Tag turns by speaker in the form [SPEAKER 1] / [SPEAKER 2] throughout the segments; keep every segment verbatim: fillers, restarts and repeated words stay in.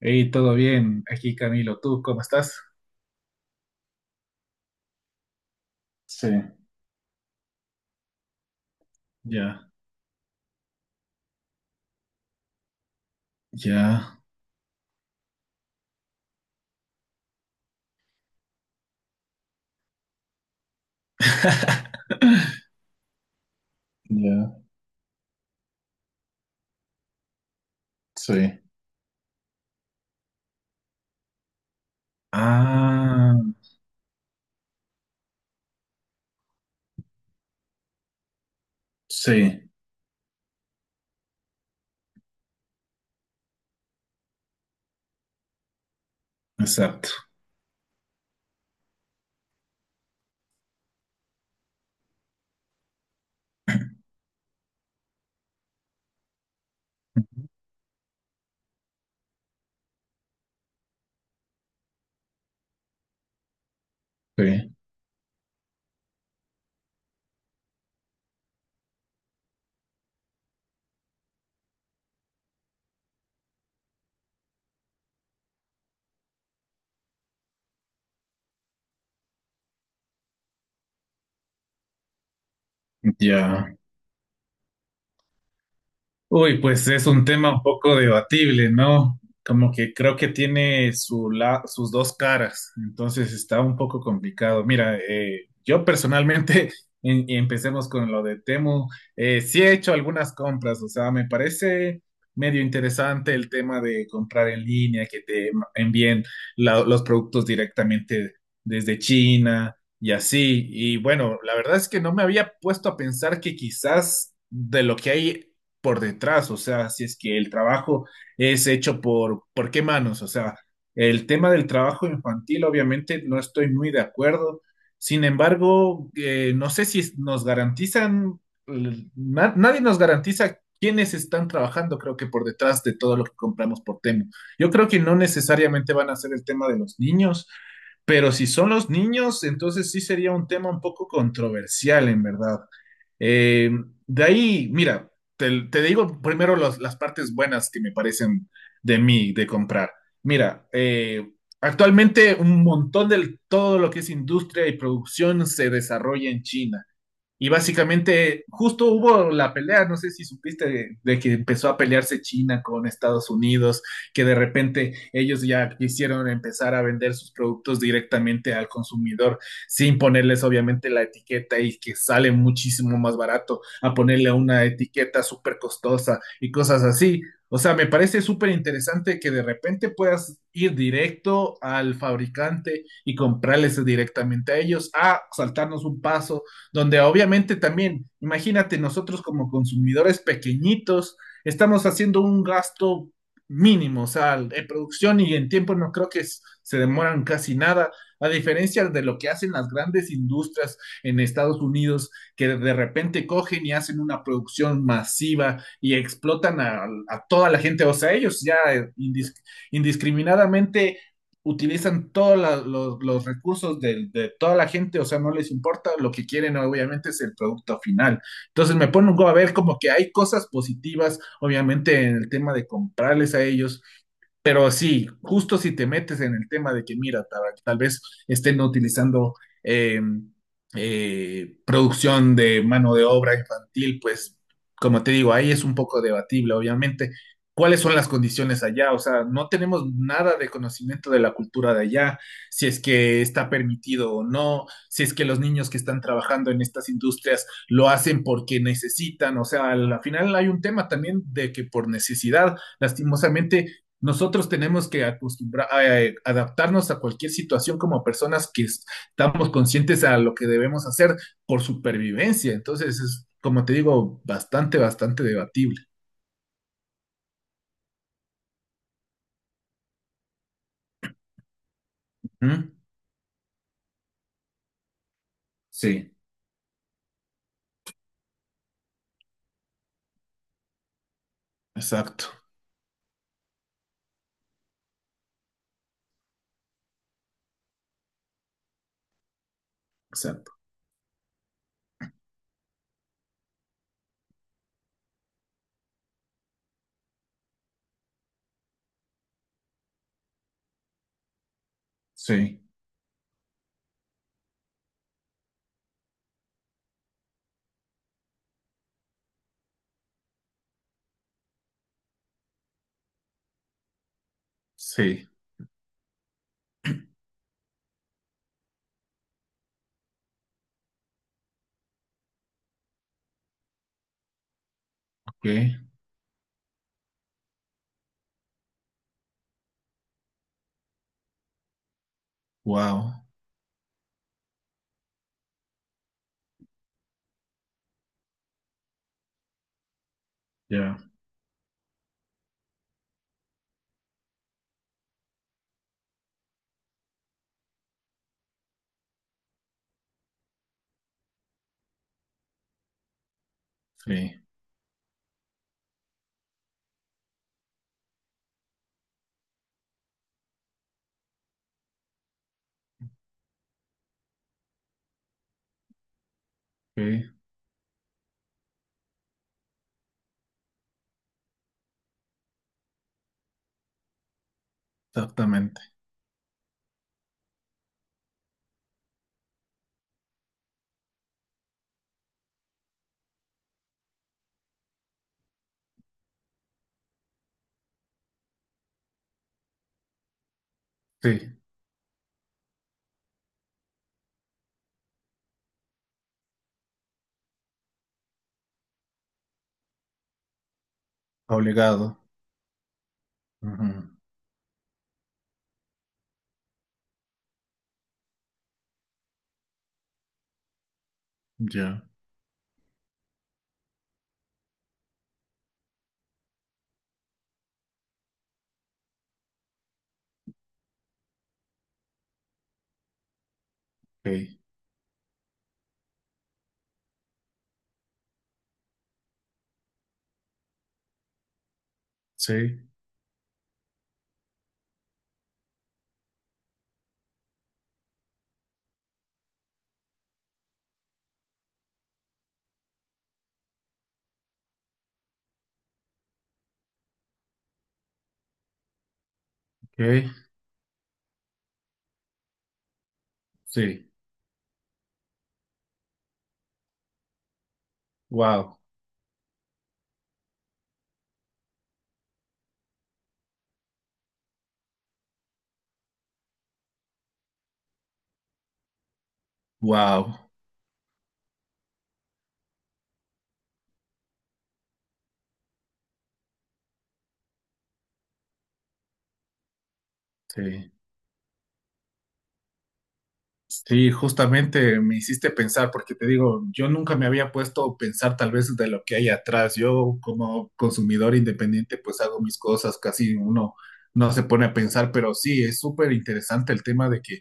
[SPEAKER 1] Hey, todo bien, aquí Camilo, ¿tú cómo estás? Sí. Ya, ya. Ya, sí, ah, sí, exacto, sí, ya. Uy, pues es un tema un poco debatible, ¿no? Como que creo que tiene su la- sus dos caras, entonces está un poco complicado. Mira, eh, yo personalmente, y y empecemos con lo de Temu. eh, sí he hecho algunas compras. O sea, me parece medio interesante el tema de comprar en línea, que te envíen la- los productos directamente desde China y así. Y bueno, la verdad es que no me había puesto a pensar que quizás de lo que hay por detrás, o sea, si es que el trabajo es hecho por, ¿por qué manos? O sea, el tema del trabajo infantil, obviamente, no estoy muy de acuerdo. Sin embargo, eh, no sé si nos garantizan, l- na- nadie nos garantiza quiénes están trabajando, creo que por detrás de todo lo que compramos por Temu. Yo creo que no necesariamente van a ser el tema de los niños, pero si son los niños, entonces sí sería un tema un poco controversial, en verdad. Eh, de ahí, mira, te, te digo primero los- las partes buenas que me parecen de mí, de comprar. Mira, eh, actualmente un montón de todo lo que es industria y producción se desarrolla en China. Y básicamente, justo hubo la pelea, no sé si supiste, de, de que empezó a pelearse China con Estados Unidos, que de repente ellos ya quisieron empezar a vender sus productos directamente al consumidor, sin ponerles obviamente la etiqueta y que sale muchísimo más barato a ponerle una etiqueta súper costosa y cosas así. O sea, me parece súper interesante que de repente puedas ir directo al fabricante y comprarles directamente a ellos, a saltarnos un paso donde obviamente también, imagínate, nosotros como consumidores pequeñitos, estamos haciendo un gasto mínimo. O sea, en producción y en tiempo no creo que s- se demoran casi nada, a diferencia de lo que hacen las grandes industrias en Estados Unidos, que de repente cogen y hacen una producción masiva y explotan a, a toda la gente. O sea, ellos ya eh, indis- indiscriminadamente utilizan todos los, los recursos de, de toda la gente. O sea, no les importa, lo que quieren obviamente es el producto final. Entonces me pongo a ver como que hay cosas positivas, obviamente en el tema de comprarles a ellos, pero sí, justo si te metes en el tema de que, mira, tal, tal vez estén utilizando eh, eh, producción de mano de obra infantil, pues, como te digo, ahí es un poco debatible, obviamente. ¿Cuáles son las condiciones allá? O sea, no tenemos nada de conocimiento de la cultura de allá, si es que está permitido o no, si es que los niños que están trabajando en estas industrias lo hacen porque necesitan. O sea, al al final hay un tema también de que por necesidad, lastimosamente, nosotros tenemos que acostumbrar, eh, adaptarnos a cualquier situación como personas que estamos conscientes a lo que debemos hacer por supervivencia. Entonces, es, como te digo, bastante, bastante debatible. ¿Mm? Sí, exacto, exacto. Sí, sí, ok, wow, ya, sí, ok, exactamente. Sí, obligado. Ujú, ya, ok, sí, ok, sí, wow, wow, sí. Sí, justamente me hiciste pensar, porque te digo, yo nunca me había puesto a pensar tal vez de lo que hay atrás. Yo como consumidor independiente pues hago mis cosas, casi uno no se pone a pensar, pero sí, es súper interesante el tema de que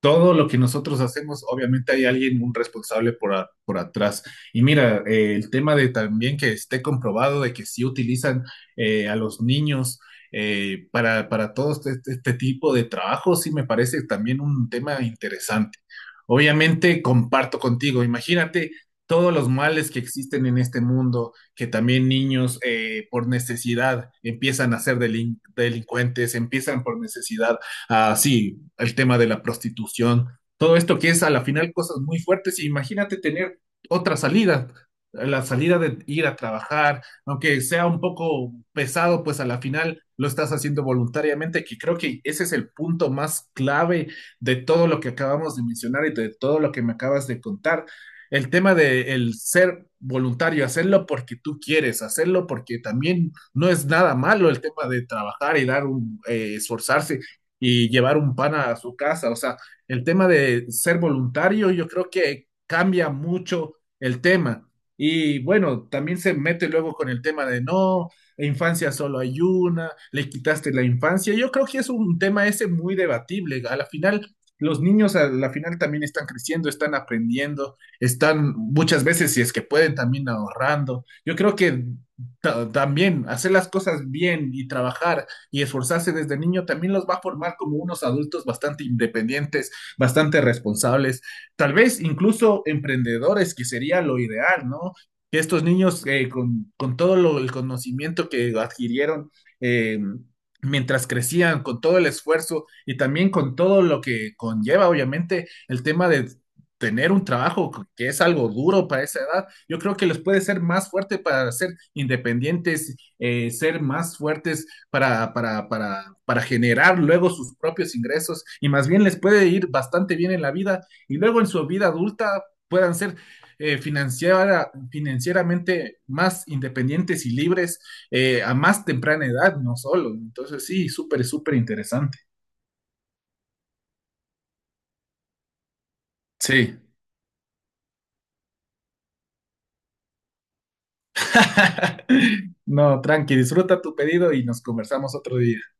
[SPEAKER 1] todo lo que nosotros hacemos, obviamente hay alguien, un responsable por, a- por atrás. Y mira, eh, el tema de también que esté comprobado de que sí utilizan eh, a los niños eh, para, para todo este, este este tipo de trabajo, sí me parece también un tema interesante. Obviamente comparto contigo, imagínate todos los males que existen en este mundo, que también niños eh, por necesidad empiezan a ser delin- delincuentes, empiezan por necesidad. Ah, sí, el tema de la prostitución, todo esto que es a la final cosas muy fuertes. Imagínate tener otra salida, la salida de ir a trabajar, aunque sea un poco pesado, pues a la final lo estás haciendo voluntariamente, que creo que ese es el punto más clave de todo lo que acabamos de mencionar y de todo lo que me acabas de contar. El tema de el ser voluntario, hacerlo porque tú quieres, hacerlo porque también no es nada malo el tema de trabajar y dar un, eh, esforzarse y llevar un pan a su casa. O sea, el tema de ser voluntario yo creo que cambia mucho el tema. Y bueno, también se mete luego con el tema de no, infancia solo hay una, le quitaste la infancia. Yo creo que es un tema ese muy debatible. A la final, los niños a la final también están creciendo, están aprendiendo, están muchas veces, si es que pueden, también ahorrando. Yo creo que ta- también hacer las cosas bien y trabajar y esforzarse desde niño también los va a formar como unos adultos bastante independientes, bastante responsables, tal vez incluso emprendedores, que sería lo ideal, ¿no? Que estos niños eh, con, con, todo lo, el conocimiento que adquirieron, eh, mientras crecían, con todo el esfuerzo y también con todo lo que conlleva, obviamente, el tema de tener un trabajo que es algo duro para esa edad, yo creo que les puede ser más fuerte para ser independientes, eh, ser más fuertes para, para, para, para generar luego sus propios ingresos y más bien les puede ir bastante bien en la vida y luego en su vida adulta puedan ser eh, financiera, financieramente más independientes y libres eh, a más temprana edad, no solo. Entonces sí, súper, súper interesante. Sí. No, tranqui, disfruta tu pedido y nos conversamos otro día.